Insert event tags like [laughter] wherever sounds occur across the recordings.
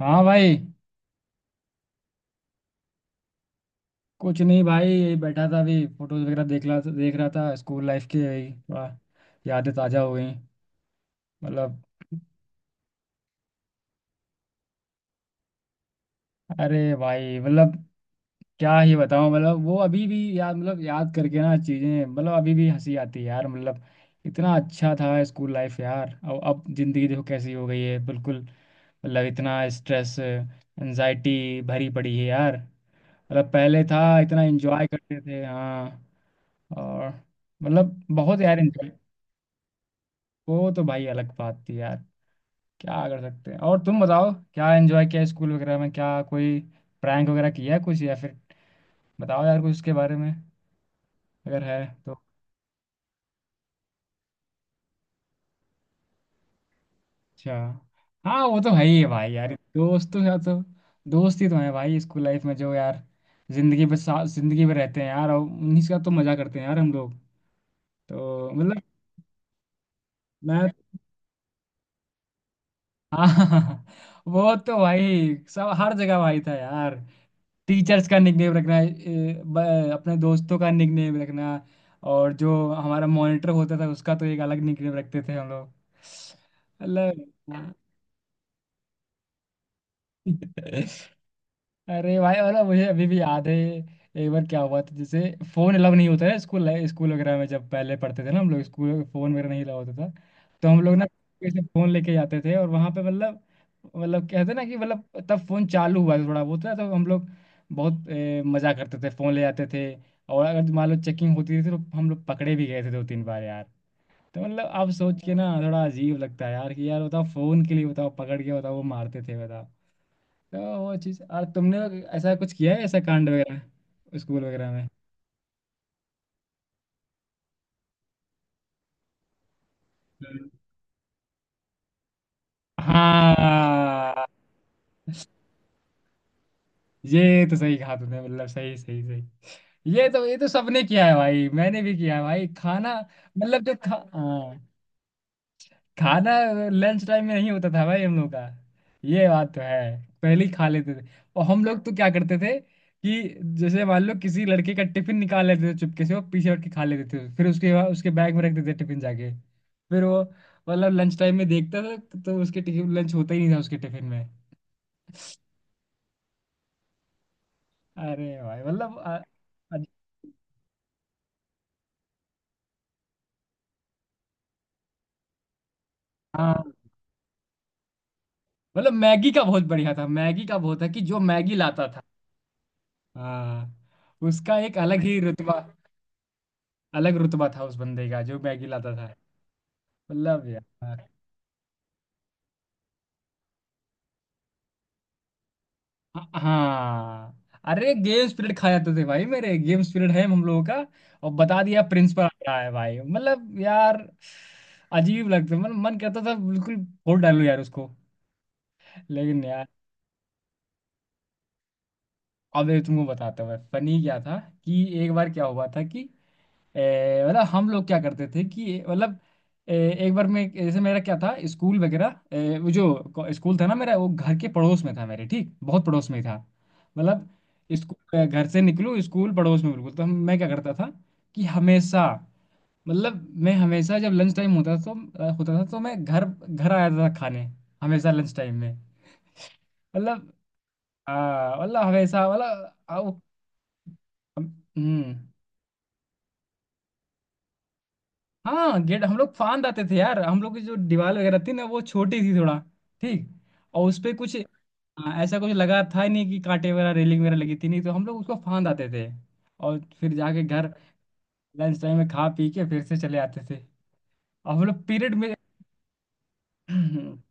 हाँ भाई। कुछ नहीं भाई, यही बैठा था अभी फोटोज वगैरह देख रहा था स्कूल लाइफ की। यही थोड़ा यादें ताज़ा हो गई मतलब। अरे भाई मतलब क्या ही बताऊं। मतलब वो अभी भी याद, मतलब याद करके ना चीज़ें मतलब अभी भी हंसी आती है यार। मतलब इतना अच्छा था स्कूल लाइफ यार, और अब ज़िंदगी देखो कैसी हो गई है बिल्कुल। मतलब इतना स्ट्रेस एनजाइटी भरी पड़ी है यार। मतलब पहले था इतना एंजॉय करते थे। हाँ। और मतलब बहुत यार enjoy। वो तो भाई अलग बात थी यार। क्या कर सकते हैं। और तुम बताओ क्या एंजॉय किया स्कूल वगैरह में, क्या कोई प्रैंक वगैरह किया है कुछ, या फिर बताओ यार कुछ उसके बारे में अगर है तो। अच्छा। हाँ वो तो है ही है भाई यार, दोस्तों के साथ तो। दोस्त ही तो है भाई स्कूल लाइफ में जो यार जिंदगी पर साथ जिंदगी में रहते हैं यार, और उन्हीं के साथ तो मजा करते हैं यार हम लोग। तो मतलब मैं। हाँ। [laughs] वो तो भाई सब हर जगह भाई था यार। टीचर्स का निकनेम रखना, अपने दोस्तों का निकनेम रखना, और जो हमारा मॉनिटर होता था उसका तो एक अलग निकनेम रखते थे हम लोग। मतलब। [laughs] अरे भाई और मुझे अभी भी याद है। एक बार क्या हुआ था, जैसे फोन अलाउ नहीं होता है स्कूल स्कूल वगैरह में। जब पहले पढ़ते थे ना हम लोग, स्कूल में फोन वगैरह नहीं अलाउ होता था, तो हम लोग ना ऐसे फोन लेके जाते थे, और वहां पे मतलब कहते ना कि मतलब तब फोन चालू हुआ था थोड़ा बहुत ना, तो हम लोग बहुत मजा करते थे, फोन ले जाते थे। और अगर मान लो चेकिंग होती थी तो हम लोग पकड़े भी गए थे दो तीन बार यार। तो मतलब अब सोच के ना थोड़ा अजीब लगता है यार, कि यार बताओ फोन के लिए बताओ, पकड़ के बताओ, वो मारते थे बताओ। तो वो चीज। और तुमने ऐसा कुछ किया है, ऐसा कांड वगैरह स्कूल वगैरह में? हम्म। हाँ ये तो सही कहा तुमने, मतलब सही सही सही। ये तो सबने किया है भाई, मैंने भी किया है भाई खाना। मतलब जो खा, हाँ, खाना लंच टाइम में नहीं होता था भाई हम लोग का, ये बात तो है, पहले ही खा लेते थे। और हम लोग तो क्या करते थे कि जैसे मान लो किसी लड़के का टिफिन निकाल लेते थे चुपके से, वो पीछे हट के खा लेते थे, फिर उसके बाद उसके बैग में रख देते थे टिफिन जाके। फिर वो मतलब लंच टाइम में देखता था तो उसके टिफिन लंच होता ही नहीं था उसके टिफिन में। अरे भाई मतलब अ- हाँ। मतलब मैगी का बहुत बढ़िया था, मैगी का बहुत था कि जो मैगी लाता था, हाँ, उसका एक अलग ही रुतबा, अलग रुतबा था उस बंदे का जो मैगी लाता था। मतलब यार। हाँ। अरे गेम स्पिरिट खा जाते थे भाई, मेरे गेम स्पिरिट है हम लोगों का, और बता दिया प्रिंसिपल आ रहा है भाई। मतलब यार अजीब लगता है, मतलब मन कहता था बिल्कुल फोड़ डालूं यार उसको, लेकिन यार। अब ये तुमको बताता हूँ फनी क्या था। कि एक बार क्या हुआ था, कि मतलब हम लोग क्या करते थे कि मतलब ए, एक बार मैं, जैसे मेरा क्या था स्कूल वगैरह वो जो स्कूल था ना मेरा, वो घर के पड़ोस में था मेरे, ठीक बहुत पड़ोस में ही था। मतलब स्कूल घर से निकलूँ, स्कूल पड़ोस में बिल्कुल, तो हम मैं क्या करता था कि हमेशा, मतलब मैं हमेशा जब लंच टाइम होता था तो होता था तो मैं घर घर आ जाता था खाने, हमेशा लंच टाइम में। मतलब मतलब हमेशा मतलब हम्म। हाँ गेट हम लोग फांद आते थे यार, हम लोग की जो दीवार वगैरह थी ना वो छोटी थी थोड़ा, ठीक, और उस पे कुछ, हाँ, ऐसा कुछ लगा था ही नहीं कि कांटे वगैरह रेलिंग वगैरह लगी थी नहीं, तो हम लोग उसको फांद आते थे। और फिर जाके घर लंच टाइम में खा पी के फिर से चले आते थे, और हम लोग पीरियड में। [clears throat]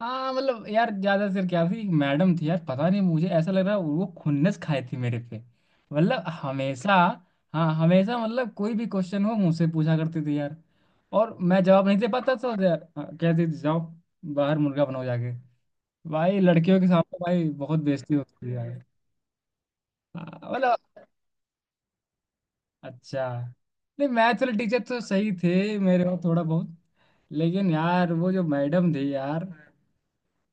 हाँ मतलब यार, ज्यादा सिर क्या थी, एक मैडम थी यार, पता नहीं मुझे ऐसा लग रहा है वो खुन्नस खाई थी मेरे पे। मतलब हमेशा, हाँ हमेशा, मतलब कोई भी क्वेश्चन हो मुझसे पूछा करती थी यार, और मैं जवाब नहीं दे पाता था यार, हाँ, कहती थी जाओ बाहर मुर्गा बनाओ जाके। भाई लड़कियों के सामने भाई बहुत बेइज्जती होती है यार। हाँ, मतलब। अच्छा। नहीं मैथ्स वाले टीचर तो सही थे मेरे और, थोड़ा बहुत। लेकिन यार वो जो मैडम थी यार,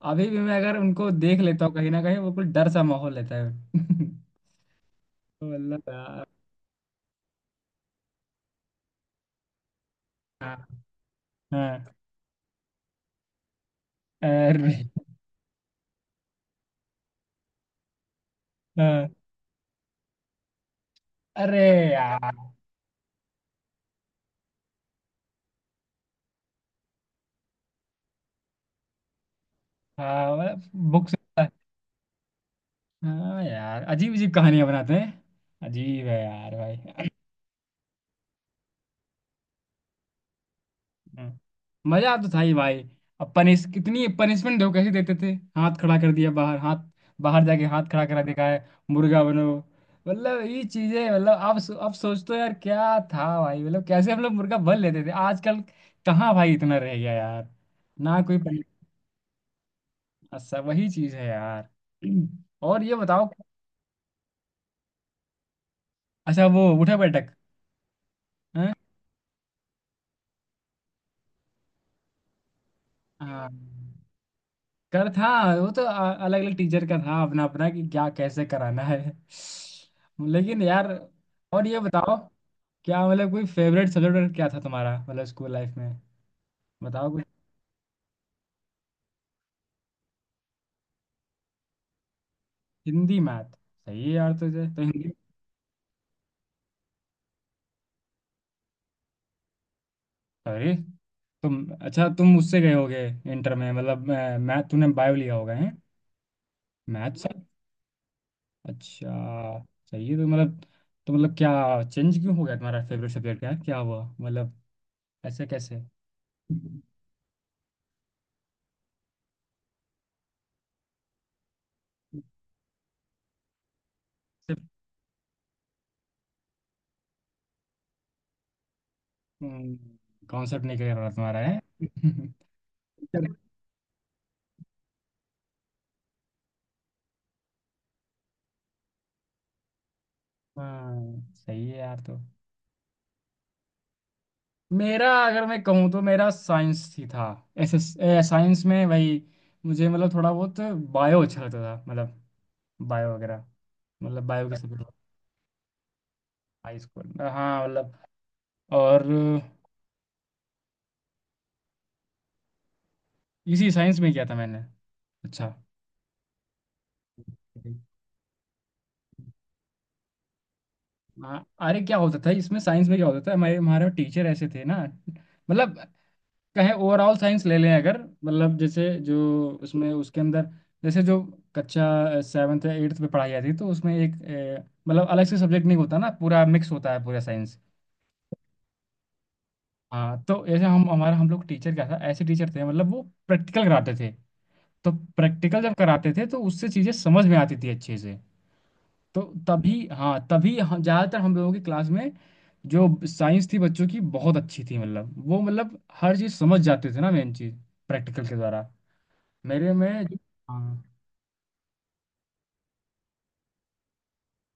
अभी भी मैं अगर उनको देख लेता हूँ कहीं ना कहीं, वो कुछ डर सा माहौल रहता है। [laughs] मतलब यार। हाँ। हाँ, अरे हाँ, अरे यार हाँ। बुक से। हाँ यार अजीब अजीब कहानियां बनाते हैं, अजीब है यार भाई। [laughs] मजा तो था ही भाई। अब पनिश, कितनी पनिशमेंट देखो कैसे देते थे। हाथ खड़ा कर दिया, बाहर हाथ, बाहर जाके हाथ खड़ा करा, देखा है, मुर्गा बनो। मतलब ये चीजें, मतलब आप सोचते हो यार क्या था भाई, मतलब कैसे हम लोग मुर्गा बन लेते थे, आजकल कहाँ भाई इतना रह गया यार, ना कोई पनिशमेंट, सब वही चीज है यार। और ये बताओ। अच्छा वो उठक बैठक? हैं? हाँ कर था। वो तो अलग अलग टीचर का था अपना अपना, कि क्या कैसे कराना है, लेकिन यार। और ये बताओ, क्या, मतलब कोई फेवरेट सब्जेक्ट क्या था तुम्हारा मतलब स्कूल लाइफ में, बताओ कुछ। हिंदी मैथ। सही है यार, तुझे तो हिंदी। अरे। तुम। अच्छा, तुम उससे गए होगे, इंटर में मतलब मैथ, तूने बायो लिया होगा है? मैथ से। अच्छा। सही है, तो मतलब, तो मतलब क्या चेंज क्यों हो गया तुम्हारा फेवरेट सब्जेक्ट, क्या क्या हुआ मतलब, ऐसे कैसे? कॉन्सेप्ट नहीं क्लियर हो रहा तुम्हारा है। [laughs] चलो। हाँ सही है यार तो। मेरा अगर मैं कहूँ तो मेरा साइंस ही था ऐसे। साइंस में भाई मुझे मतलब थोड़ा बहुत बायो अच्छा लगता था, मतलब बायो वगैरह, मतलब बायो के सब्जेक्ट। हाई स्कूल में। हाँ मतलब। और इसी साइंस में किया था मैंने। अच्छा। हाँ अरे क्या होता था इसमें, साइंस में क्या होता था, हमारे हमारे टीचर ऐसे थे ना, मतलब कहें ओवरऑल साइंस ले लें अगर, मतलब जैसे जो उसमें उसके अंदर, जैसे जो कक्षा सेवन्थ या एट्थ में पढ़ाई जाती है, तो उसमें एक मतलब अलग से सब्जेक्ट नहीं होता ना, पूरा मिक्स होता है पूरा साइंस। हाँ तो ऐसे हम लोग टीचर क्या था, ऐसे टीचर थे मतलब वो प्रैक्टिकल कराते थे। तो प्रैक्टिकल जब कराते थे तो उससे चीज़ें समझ में आती थी अच्छे से। तो तभी, हाँ तभी हम ज़्यादातर हम लोगों की क्लास में जो साइंस थी बच्चों की बहुत अच्छी थी, मतलब वो मतलब हर चीज़ समझ जाते थे ना मेन चीज़ प्रैक्टिकल के द्वारा। मेरे में हाँ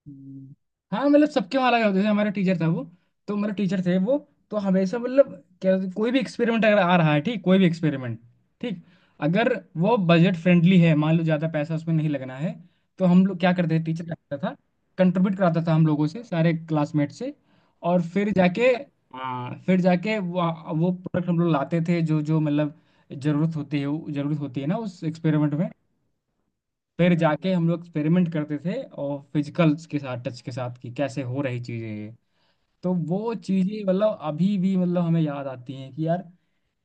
हम्म, हाँ मतलब सबके वहाँ लगे होते थे, हमारा टीचर था वो, तो मेरे टीचर थे वो, तो हमेशा मतलब क्या होता- है, कोई भी एक्सपेरिमेंट अगर आ रहा है, ठीक, कोई भी एक्सपेरिमेंट, ठीक, अगर वो बजट फ्रेंडली है मान लो, ज़्यादा पैसा उसमें नहीं लगना है, तो हम लोग क्या करते थे, टीचर क्या करता था कंट्रीब्यूट कराता था हम लोगों से, सारे क्लासमेट से, और फिर जाके, हाँ फिर जाके वो प्रोडक्ट हम लोग लाते थे, जो जो मतलब ज़रूरत होती है जरूरत होती है ना उस एक्सपेरिमेंट में। फिर जाके हम लोग एक्सपेरिमेंट करते थे और फिजिकल्स के साथ टच के साथ कि कैसे हो रही चीज़ें ये। तो वो चीज़ें मतलब अभी भी मतलब हमें याद आती हैं कि यार,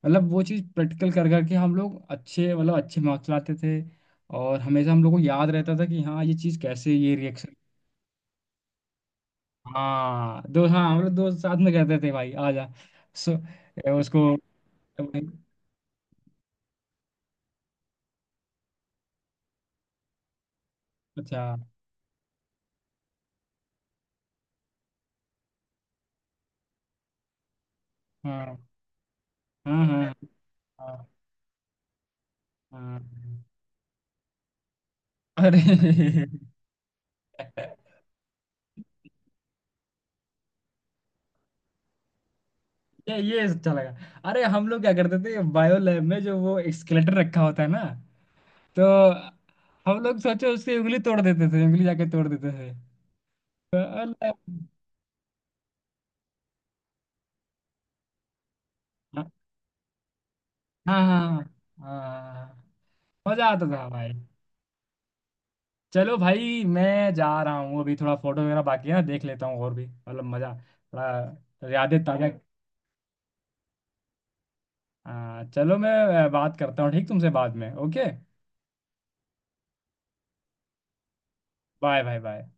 मतलब वो चीज़ प्रैक्टिकल कर करके हम लोग अच्छे, मतलब अच्छे मार्क्स लाते थे, और हमेशा हम लोग को याद रहता था कि हाँ ये चीज़ कैसे, ये रिएक्शन। हाँ दो, हाँ हम लोग दोस्त साथ में कहते थे भाई आ जा। सो उसको। अच्छा। हाँ हाँ हाँ। हाँ हाँ हाँ। अरे [laughs] ये अच्छा लगा। अरे हम लोग क्या करते थे, बायो लैब में जो वो स्केलेटन रखा होता है ना, तो हम लोग सोचो उसकी उंगली तोड़ देते थे, उंगली जाके तोड़ देते थे। तो हाँ हाँ हाँ हाँ, मजा आता था भाई। चलो भाई मैं जा रहा हूँ, अभी थोड़ा फोटो वगैरह बाकी है ना, देख लेता हूँ और भी, मतलब मजा, थोड़ा यादें ताजा। हाँ चलो, मैं बात करता हूँ ठीक तुमसे बाद में, ओके। Bye bye bye.